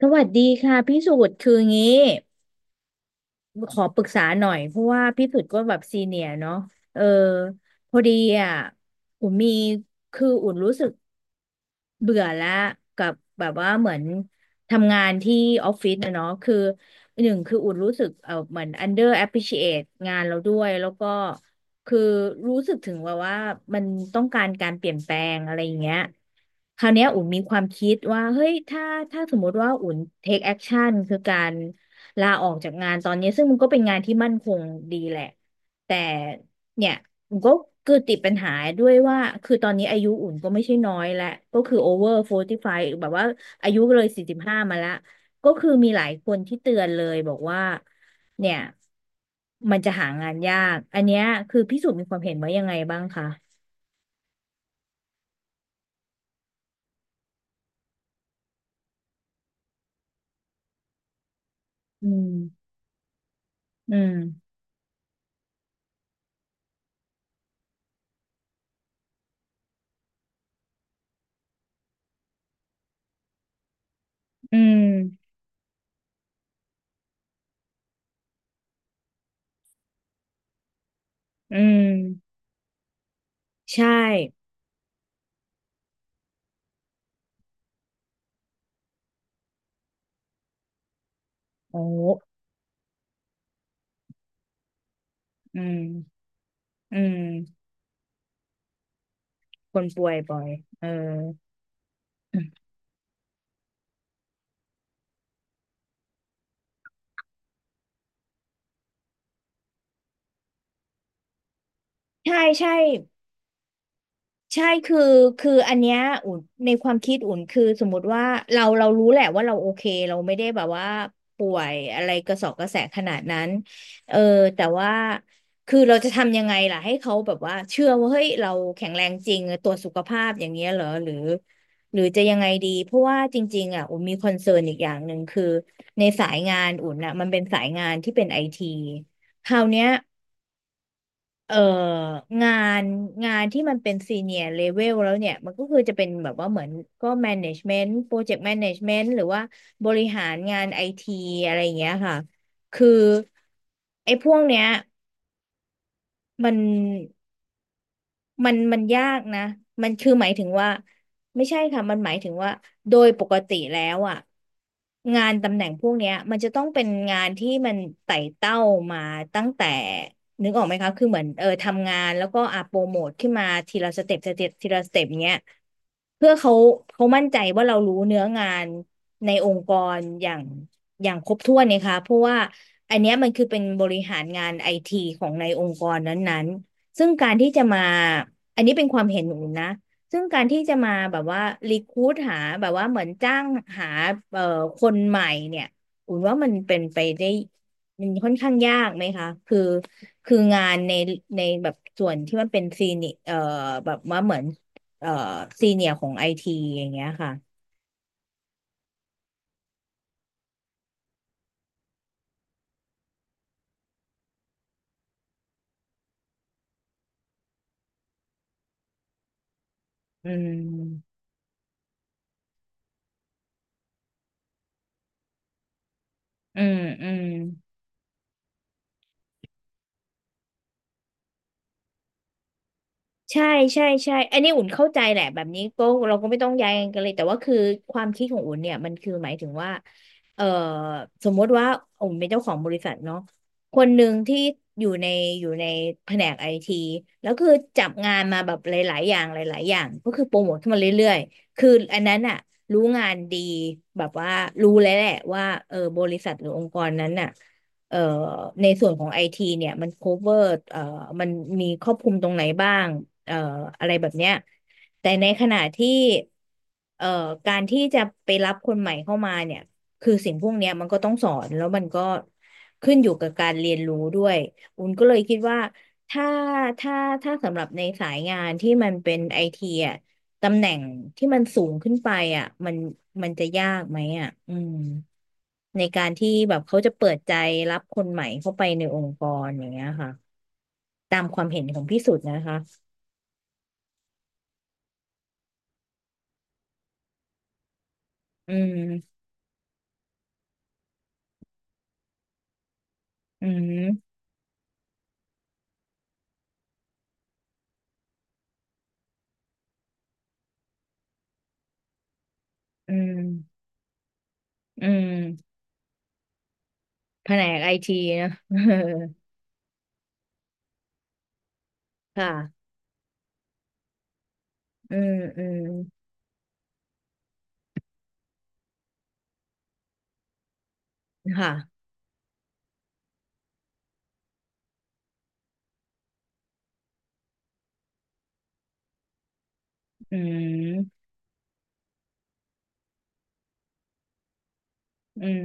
สวัสดีค่ะพี่สุดคืองี้ขอปรึกษาหน่อยเพราะว่าพี่สุดก็แบบซีเนียร์เนาะเออพอดีอ่ะอุ่นมีคืออุ่นรู้สึก เบื่อแล้วกับแบบว่าเหมือนทำงานที่ออฟฟิศนะเนาะคือหนึ่งคืออุ่นรู้สึกเออเหมือน under appreciate งานเราด้วยแล้วก็คือรู้สึกถึงว่ามันต้องการการเปลี่ยนแปลงอะไรอย่างเงี้ยคราวเนี้ยอุ่นมีความคิดว่าเฮ้ยถ้าสมมติว่าอุ่น take action คือการลาออกจากงานตอนนี้ซึ่งมันก็เป็นงานที่มั่นคงดีแหละแต่ เนี่ยอุ่นก็คือติดปัญหาด้วยว่าคือตอนนี้อายุอุ่นก็ไม่ใช่น้อยแล้วก็คือโอเวอร์โฟร์ีสิบห้ไฟแบบว่าอายุเลยสี่สิบห้ามาแลวก็คือมีหลายคนที่เตือนเลยบอกว่าเนี่ยมันจะหางานยากอันเนี้ยคือพี่สุมีความเห็นว่ายังไงบ้างคะอืมอืมอืมอืมใช่โอ้อืมอืมคนป่วยบ่อยเออใช่ใช่ ใช่คือคืออันเนี้ยอุ่นในความคิดอุ่นคือสมมติว่าเรารู้แหละว่าเราโอเคเราไม่ได้แบบว่าป่วยอะไรกระสอบกระแสขนาดนั้นเออแต่ว่าคือเราจะทำยังไงล่ะให้เขาแบบว่าเชื่อว่าเฮ้ยเราแข็งแรงจริงตรวจสุขภาพอย่างเงี้ยเหรอหรือหรือจะยังไงดีเพราะว่าจริงๆอ่ะอุ่นมีคอนเซิร์นอีกอย่างหนึ่งคือในสายงานอุ่นอ่ะมันเป็นสายงานที่เป็นไอทีคราวเนี้ย เอ่องานงานที่มันเป็นซีเนียร์เลเวลแล้วเนี่ยมันก็คือจะเป็นแบบว่าเหมือนก็แมネจเมนต์โปรเจกต์แมเนจเมนต์หรือว่าบริหารงานไอทีอะไรอย่างเงี้ยค่ะคือไอ้พวกเนี้ยมัน มันยากนะมันคือหมายถึงว่าไม่ใช่ค่ะมันหมายถึงว่าโดยปกติแล้วอ่ะงานตำแหน่งพวกเนี้ยมันจะต้องเป็นงานที่มันไต่เต้ามาตั้งแต่นึกออกไหมคะคือเหมือนเออทำงานแล้วก็อ่ะโปรโมทขึ้นมาทีละสเต็ปสเต็ปทีละสเต็ปเนี้ยเพื่อเขามั่นใจว่าเรารู้เนื้องานในองค์กรอย่างครบถ้วนเนี่ยค่ะเพราะว่าอันเนี้ยมันคือเป็นบริหารงานไอทีของในองค์กรนั้น ซึ่งการที่จะมาอันนี้เป็นความเห็นอหนูนะซึ่งการที่จะมาแบบว่ารีคูดหาแบบว่าเหมือนจ้างหาเอ่อคนใหม่เนี่ยอุ่นว่ามันเป็นไปได้มันค่อนข้างยากไหมคะคือคืองานในแบบส่วนที่มันเป็นซีเนียแบบว่าเหมือนเอ่อซีเนียของไอทีอย่างเงี้ยค่ะอืมอืมอืม ใช่ใช่ใช่ อันนี้อุ่นเข้าใจแหละแบบนี้ก็เราก็ไม่ต้องย้ายกันเลยแต่ว่าคือความคิดของอุ่นเนี่ยมันคือหมายถึงว่าเอ่อสมมติว่าอุ่นเป็นเจ้าของบริษัทเนาะคนหนึ่งที่อยู่ในอยู่ในแผนกไอทีแล้วคือจับงานมาแบบหลายๆอย่างหลายๆอย่างก็คือโปรโมทขึ้นมาเรื่อยๆคืออันนั้นอะรู้งานดีแบบว่ารู้แล้วแหละว่าเออบริษัทหรือองค์กรนั้นน่ะ เอ่อในส่วนของไอทีเนี่ยมัน cover เอ่อมันมีครอบคลุมตรงไหนบ้างเอ่ออะไรแบบเนี้ยแต่ในขณะที่เอ่อการที่จะไปรับคนใหม่เข้ามาเนี่ยคือสิ่งพวกเนี้ยมันก็ต้องสอนแล้วมันก็ขึ้นอยู่กับการเรียนรู้ด้วยอุ่นก็เลยคิดว่าถ้าถ้าถ้าสำหรับในสายงานที่มันเป็นไอทีอ่ะ ตำแหน่งที่มันสูงขึ้นไปอ่ะมันจะยากไหมอ่ะอืมในการที่แบบเขาจะเปิดใจรับคนใหม่เข้าไปในองค์กรอย่างเงี้ยค่ะตามความเห็นของพี่สุดนะคะอืมอืมอืมอืมแผนกไอทีนะ เออค่ะอืมอืมค่ะอืมอืม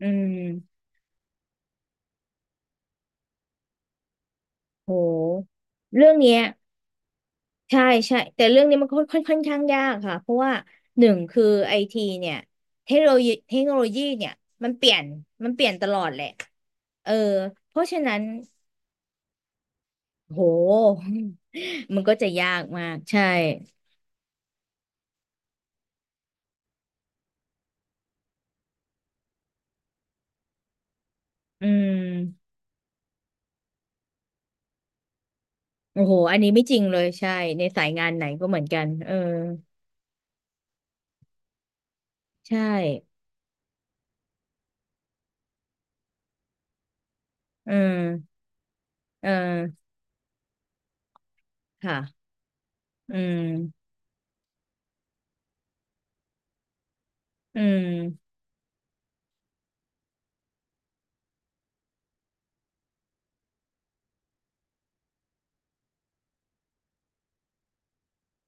อืมโหเรื่องเนี้ย ใช่ใช่แต่เรื่องนี้มันค่อนข้างยากค่ะเพราะว่าหนึ่งคือไอทีเนี่ยเทคโนโลยีเนี่ยมันเปลี่ยนมันเปลี่ยนตลอดแหละเออเพราะฉะนั้นโห มันก็จะยากมากใช่อืมโอ้โหอันนี้ไม่จริงเลยใช่ในสายงานไหนก็เหมือนกันเออใช่อืมเออค่ะอืมอืม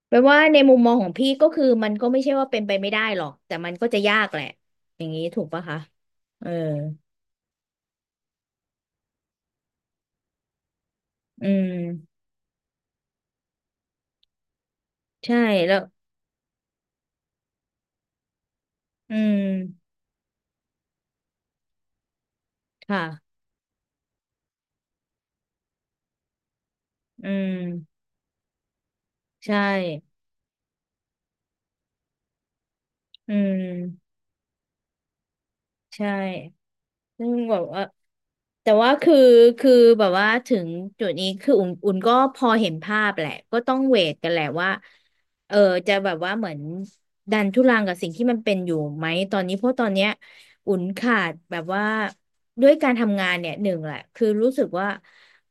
แปลว่าในมุมมองของพี่ก็คือมันก็ไม่ใช่ว่าเป็นไปไม่ได้หรอกแต่มันก็จะยากแหละอย่างนี้ถูกปะคะเอออืมใช่แล้วอืมค่ะอืมใช่อืมใช่ซึ่งแบบว่า แต่ว่าคือคือแบบว่าถึงจุดนี้คืออุ่นอุ่นก็พอเห็นภาพแหละก็ต้องเวทกันแหละว่าเออจะแบบว่าเหมือนดันทุรังกับสิ่งที่มันเป็นอยู่ไหมตอนนี้เพราะตอนเนี้ยอุ่นขาดแบบว่าด้วยการทำงานเนี่ยหนึ่งแหละคือรู้สึกว่า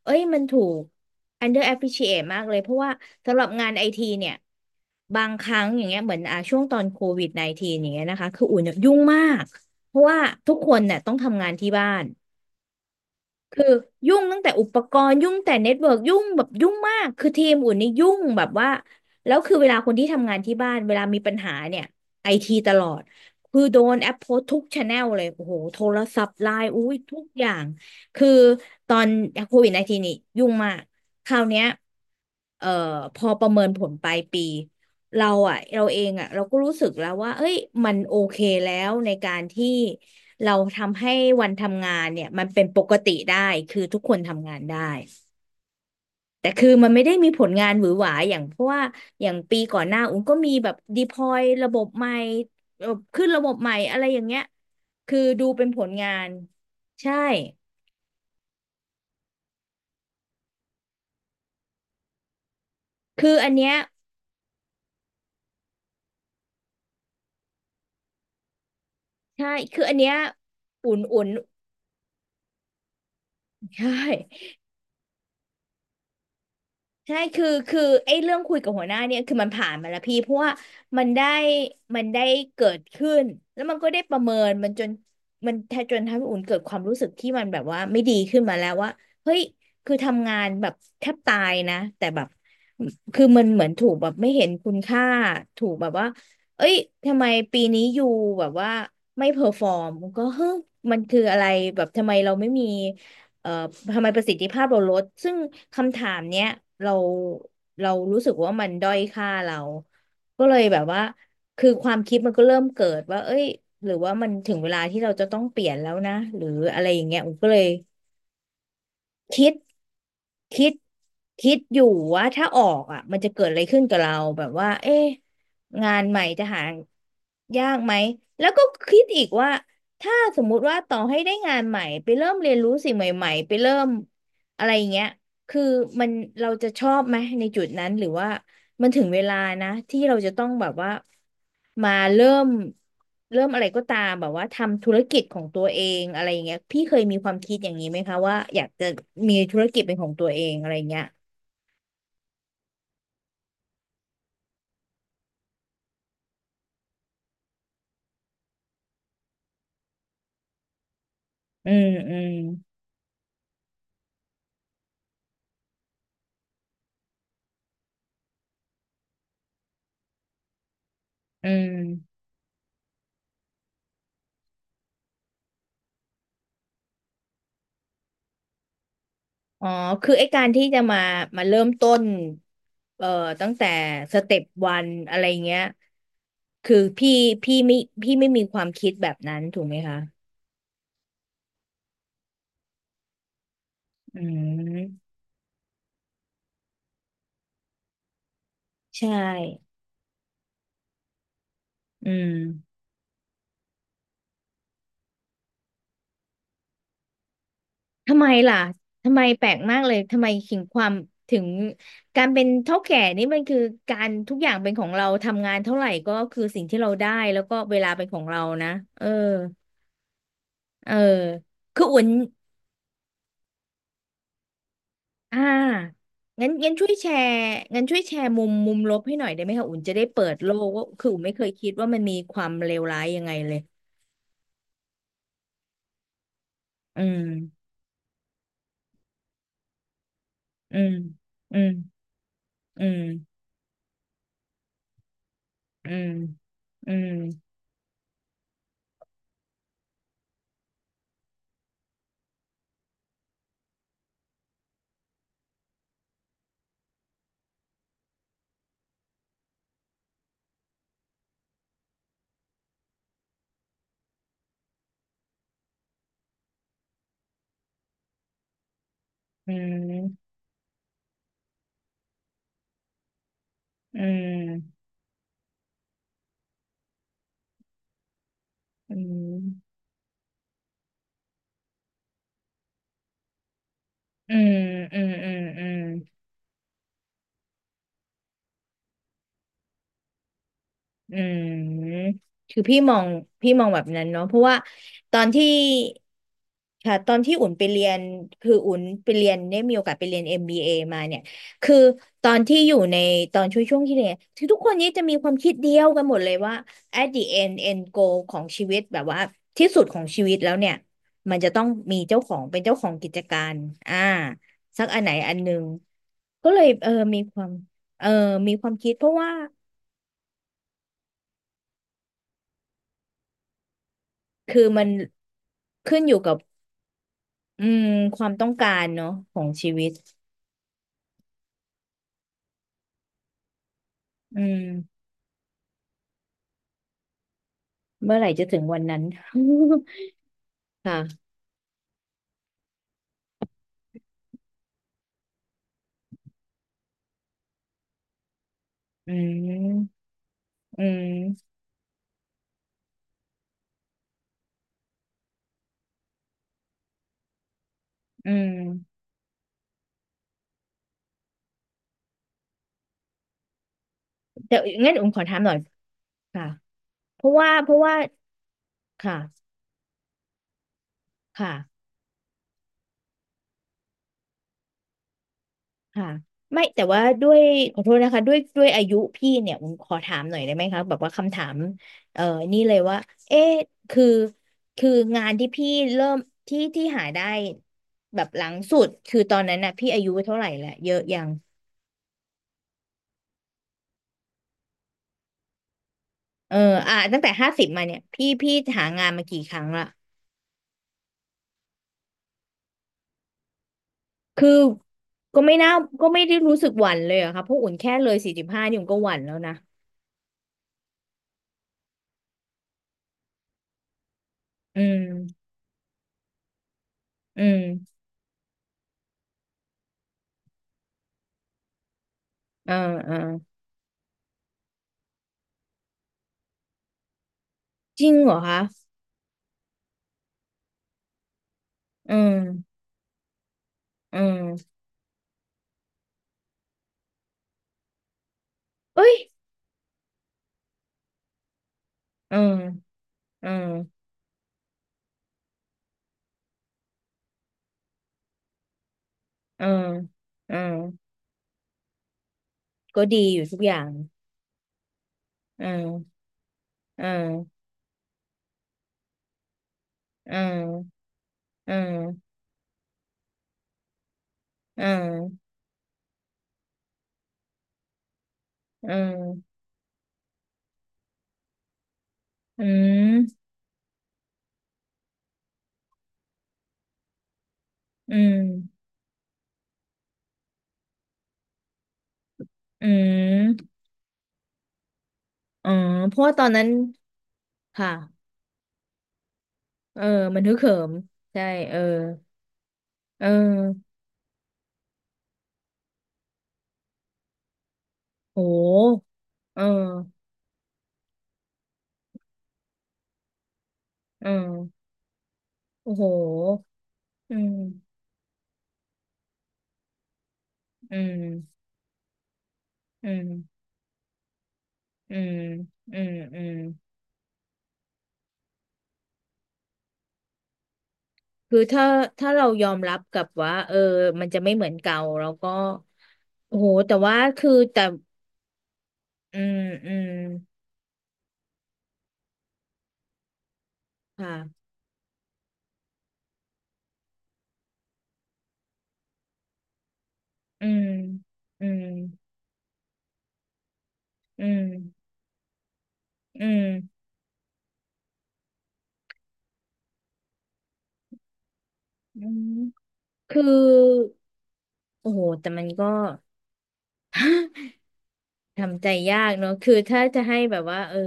เอ้ยมันถูก under appreciate มากเลยเพราะว่าสำหรับงานไอทีเนี่ยบางครั้งอย่างเงี้ยเหมือนอ่ะช่วงตอนโควิด -19 อย่างเงี้ยนะคะคืออุ่นเนี่ยยุ่งมากเพราะว่าทุกคนเนี่ยต้องทำงานที่บ้าน คือยุ่งตั้งแต่อุปกรณ์ยุ่งแต่เน็ตเวิร์กยุ่งแบบยุ่งมากคือทีมอุ่นนี่ยุ่งแบบว่าแล้วคือเวลาคนที่ทำงานที่บ้านเวลามีปัญหาเนี่ยไอทีตลอดคือโดนแอปโพสทุกช n แนลเลยโอ้โหโทรศัพท์ไลน์อุ้ยทุกอย่างคือตอนโควิดไอทีนี่ยุ่งมากคราวเนี้ยเอ่อพอประเมินผลปลายปีเราอะเราเองอะเราก็รู้สึกแล้วว่าเอ้ยมันโอเคแล้วในการที่ เราทำให้วันทำงานเนี่ยมันเป็นปกติได้คือทุกคนทำงานได้แต่คือมันไม่ได้มีผลงานหวือหวาอย่างเพราะว่าอย่างปีก่อนหน้าอุ้งก็มีแบบดีพลอยระบบใหม่ขึ้นระบบใหม่อะไรอย่างเงี้ยคือดูเป็นผลงานใช่คืออันเนี้ยใช่คืออันเนี้ยอุ่นอุ่นใช่ ใช่คือไอ้เรื่องคุยกับหัวหน้าเนี่ยคือมันผ่านมาแล้วพี่เพราะว่ามันได้มันได้เกิดขึ้นแล้วมันก็ได้ประเมินมันจนมันแทจนทำให้อุ่นเกิดความรู้สึกที่มันแบบว่าไม่ดีขึ้นมาแล้วว่าเฮ้ยคือทำงานแบบแทบตายนะแต่แบบคือมันเหมือนถูกแบบไม่เห็นคุณค่าถูกแบบว่าเอ้ยทำไมปีนี้อยู่แบบว่าไม่เพอร์ฟอร์มก็เฮ้ยมันคืออะไรแบบทำไมเราไม่มี เอ่อทำไมประสิทธิภาพเราลดซึ่งคำถามเนี้ยเราเรารู้สึกว่ามันด้อยค่าเรา ก็เลยแบบว่าคือความคิดมันก็เริ่มเกิดว่าเอ้ยหรือว่ามันถึงเวลาที่เราจะต้องเปลี่ยนแล้วนะหรืออะไรอย่างเงี้ยอุ๋มก็เลย คิดคิดคิดอยู่ว่าถ้าออกอ่ะมันจะเกิดอะไรขึ้นกับเราแบบว่าเอ๊ะงานใหม่จะหายากไหมแล้วก็คิดอีกว่าถ้าสมมุติว่าต่อให้ได้งานใหม่ไปเริ่มเรียนรู้สิ่งใหม่ๆไปเริ่มอะไรอย่างเงี้ยคือมันเราจะชอบไหมในจุดนั้นหรือว่า มันถึงเวลานะที่เราจะต้องแบบว่ามาเริ่มอะไรก็ตามแบบว่าทำธุรกิจของตัวเองอะไรอย่างเงี้ยพี่เคยมีความคิดอย่างนี้ไหมคะว่าอยากจะมีธุรกิจเป็นของตัวเองอะไรอย่างเงี้ยอืมอืมอืมอ๋อคือไอ้การที่จะมาเริ่มต้นเอ่อตั้งแต่สเต็ปวันอะไรเงี้ยคือพี่ไม่พี่ไม่มีความคิดแบบนั้นถูกไหมคะอืมใช่อืม ทำไมล่ะทำไมแปลกมากเลยทำไมถึงความถึงการเป็นเฒ่าแก่นี่มันคือการทุกอย่างเป็นของเราทำงานเท่าไหร่ก็คือสิ่งที่เราได้แล้วก็เวลาเป็นของเรานะเออเออคืออุ่นอ่างั้นช่วยแชร์มุมลบให้หน่อยได้ไหมคะอุ่นจะได้เปิดโลกว่าคืออุ่นไม่เคยคิดว่ามันมีความเลวร้ายยังไงเลยอืมอืมอืมอืมอืมอืมอืมอืมอืม อืมอืมอืมอืมอืมคือพี่มองแบบนั้นเนาะเพราะว่าตอนที่ค่ะตอนที่อุ่นไปเรียนคืออุ่นไปเรียนได้มีโอกาสไปเรียน MBA มบีเอมาเนี่ยคือตอนที่อยู่ในตอนช่วงที่เรียนคือทุกคนนี้จะมีความคิดเดียวกันหมดเลยว่า at the end goal ของชีวิตแบบว่าที่สุดของชีวิตแล้วเนี่ยมันจะต้องมีเจ้าของเป็นเจ้าของกิจการอ่าสักอันไหนอันหนึ่ง ก็เลยเออมีความคิดเพราะว่าคือมันขึ้นอยู่กับอืมความต้องการเนาะของชีวิตอืมเมื่อไหร่จะถึงวันนั้น ค่ะอืมอืมอืมแต่งั้นอุ๋มขอถามหน่อยค่ะเพราะว่าค่ะค่ะ ค่ะไม่แต่ว่าด้วยขอโทษนะคะด้วยอายุพี่เนี่ยผมขอถามหน่อยได้ไหมคะแบบว่าคำถามเอ่อนี่เลยว่าเอ๊ะคือคืองานที่พี่เริ่มที่หาได้แบบหลังสุดคือตอนนั้นน่ะพี่อายุเท่าไหร่ละเยอะยังเอออ่ะตั้งแต่ห้าสิบมาเนี่ยพี่หางานมากี่ครั้งละคือก็ไม่น่าก็ไม่ได้รู้สึกหวั่นเลยอะค่ะเพราะอุ่นแค่เลยสี่สิบห้านี่อุ่นก็หวั่นแล้วนะอืมอืมเออเออจริงเหรอคะอืมอืม เอ้ยอืมอืมอืมอืมก็ดีอยู่ทุกอย่างอืมอืมอืมอืมอืมอืมอืมอืมอืมอ๋อเพราะว่าตอนนั้นค่ะ เออ มันฮึกเหิมใช่ เออเออโหเออเออโอ้โหอืมอืมอืมอืมอืมอืม คือถ้าถ้าเรายอมรับกับว่าเออมันจะไม่เหมือนเก่าแล้วก็โอ้โหแต่ว่าคือแต่อืมอืมค่ะอืมอืมอืมอืมอืมคือโอ้โหแต่มันก็ ทำใจยากเนอะ คือถ้าจะให้แบบว่าเออ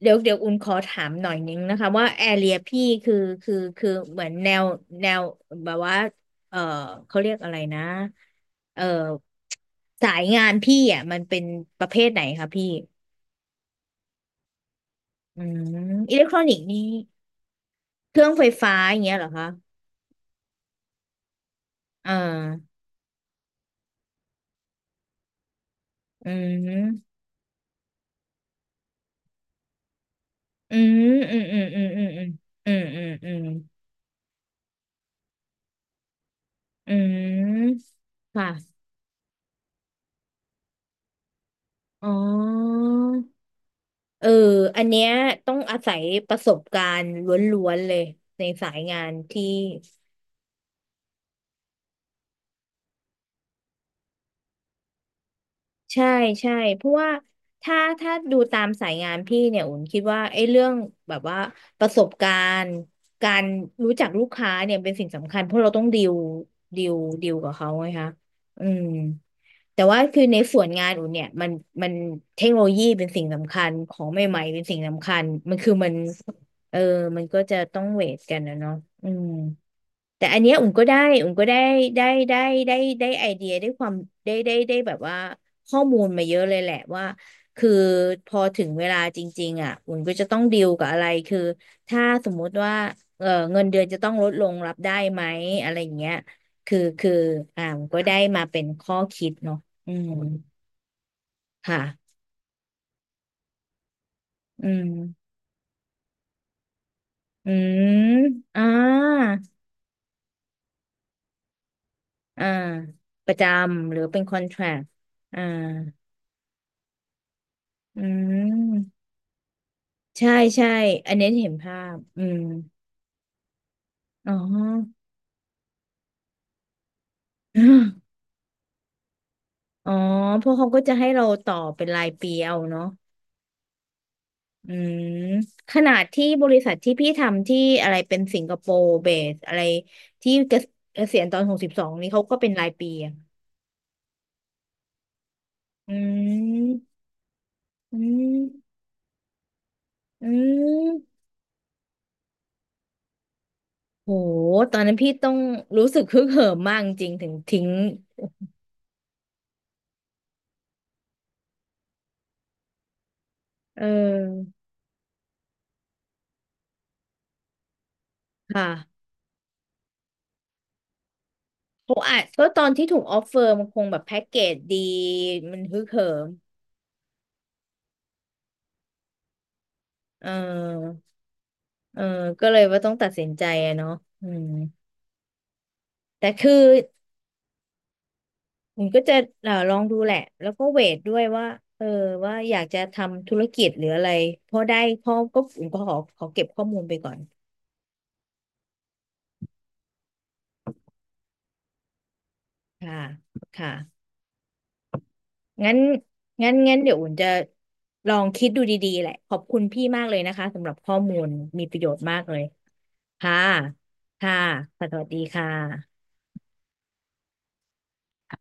เดี๋ยวอุ่นขอถามหน่อยนึงนะคะว่าแอเรียพี่คือคือเหมือนแนวแนวแบบว่าเออเขาเรียกอะไรนะเออสายงานพี่อ่ะมันเป็นประเภทไหนคะพี่อืมอิเล็กทรอนิกส์นี่เครื่องไฟฟ้าอย่างเงี้ยเหรอคะอ่าอืมอืมอืมอืมอืมอืมอืมอืมอืมอืมอืมค่ะอ๋อ เอออันเนี้ยต้องอาศัยประสบการณ์ล้วนๆเลยในสายงานที่ใช่ใช่เพราะว่าถ้าถ้าดูตามสายงานพี่เนี่ยอุ่นคิดว่าไอ้เรื่องแบบว่าประสบการณ์การรู้จักลูกค้าเนี่ยเป็นสิ่งสำคัญเพราะเราต้องดีลดีลดีลกับเขาไงคะอืมแต่ว่าคือในส่วนงานอุ่นเนี่ยมันเทคโนโลยีเป็นสิ่งสำคัญของใหม่ๆเป็นสิ่งสำคัญมันคือมันเออมันก็จะต้องเวทกันนะเนาะอืม แต่อันเนี้ยอุ่มก็ได้ได้ได้ได้ได้ไอเดียได้ความได้ได้ได้แบบว่าข้อมูลมาเยอะเลยแหละว่าคือพอถึงเวลาจริงๆอ่ะอุ่มก็จะต้องดีลกับอะไรคือถ้าสมมุติว่าเออเงินเดือนจะต้องลดลงรับได้ไหมอะไรอย่างเงี้ยคือ คืออ่าอุ่มก็ได้มาเป็นข้อคิดเนาะอืมค่ะอืมอืมอ่าอ่าประจำหรือเป็นคอนแทรคอ่าอืม ใช่ใช่ อันนี้เห็นภาพอืมอ๋อ อ๋อ เพราะเขาก็จะให้เราต่อเป็นรายปีเอาเนาะอืมขนาดที่บริษัทที่พี่ทำที่อะไรเป็นสิงคโปร์เบสอะไรที่เกษียณตอนหกสิบสองนี่เขาก็เป็นรายปีอะอืมอืมอืมโหตอนนั้นพี่ต้องรู้สึกฮึกเหิมมากจริงๆถึงทิ้งเออค่ะ โหอาจก็ตอนที่ถูกออฟเฟอร์มันคงแบบแพ็กเกจดีมันฮึกเหิมเออเออก็เลยว่าต้องตัดสินใจอะเนาะอืมแต่คือผมก็จะลองดูแหละแล้วก็เวทด้วยว่าเออว่าอยากจะทำธุรกิจหรืออะไรพอได้ข้อก็อุ่นก็ขอเก็บข้อมูลไปก่อนค่ะค่ะงั้นงั้นเดี๋ยวอุ่นจะลองคิดดูดีๆแหละขอบคุณพี่มากเลยนะคะสำหรับข้อมูลมีประโยชน์มากเลยค่ะค่ะสวัสดีค่ะ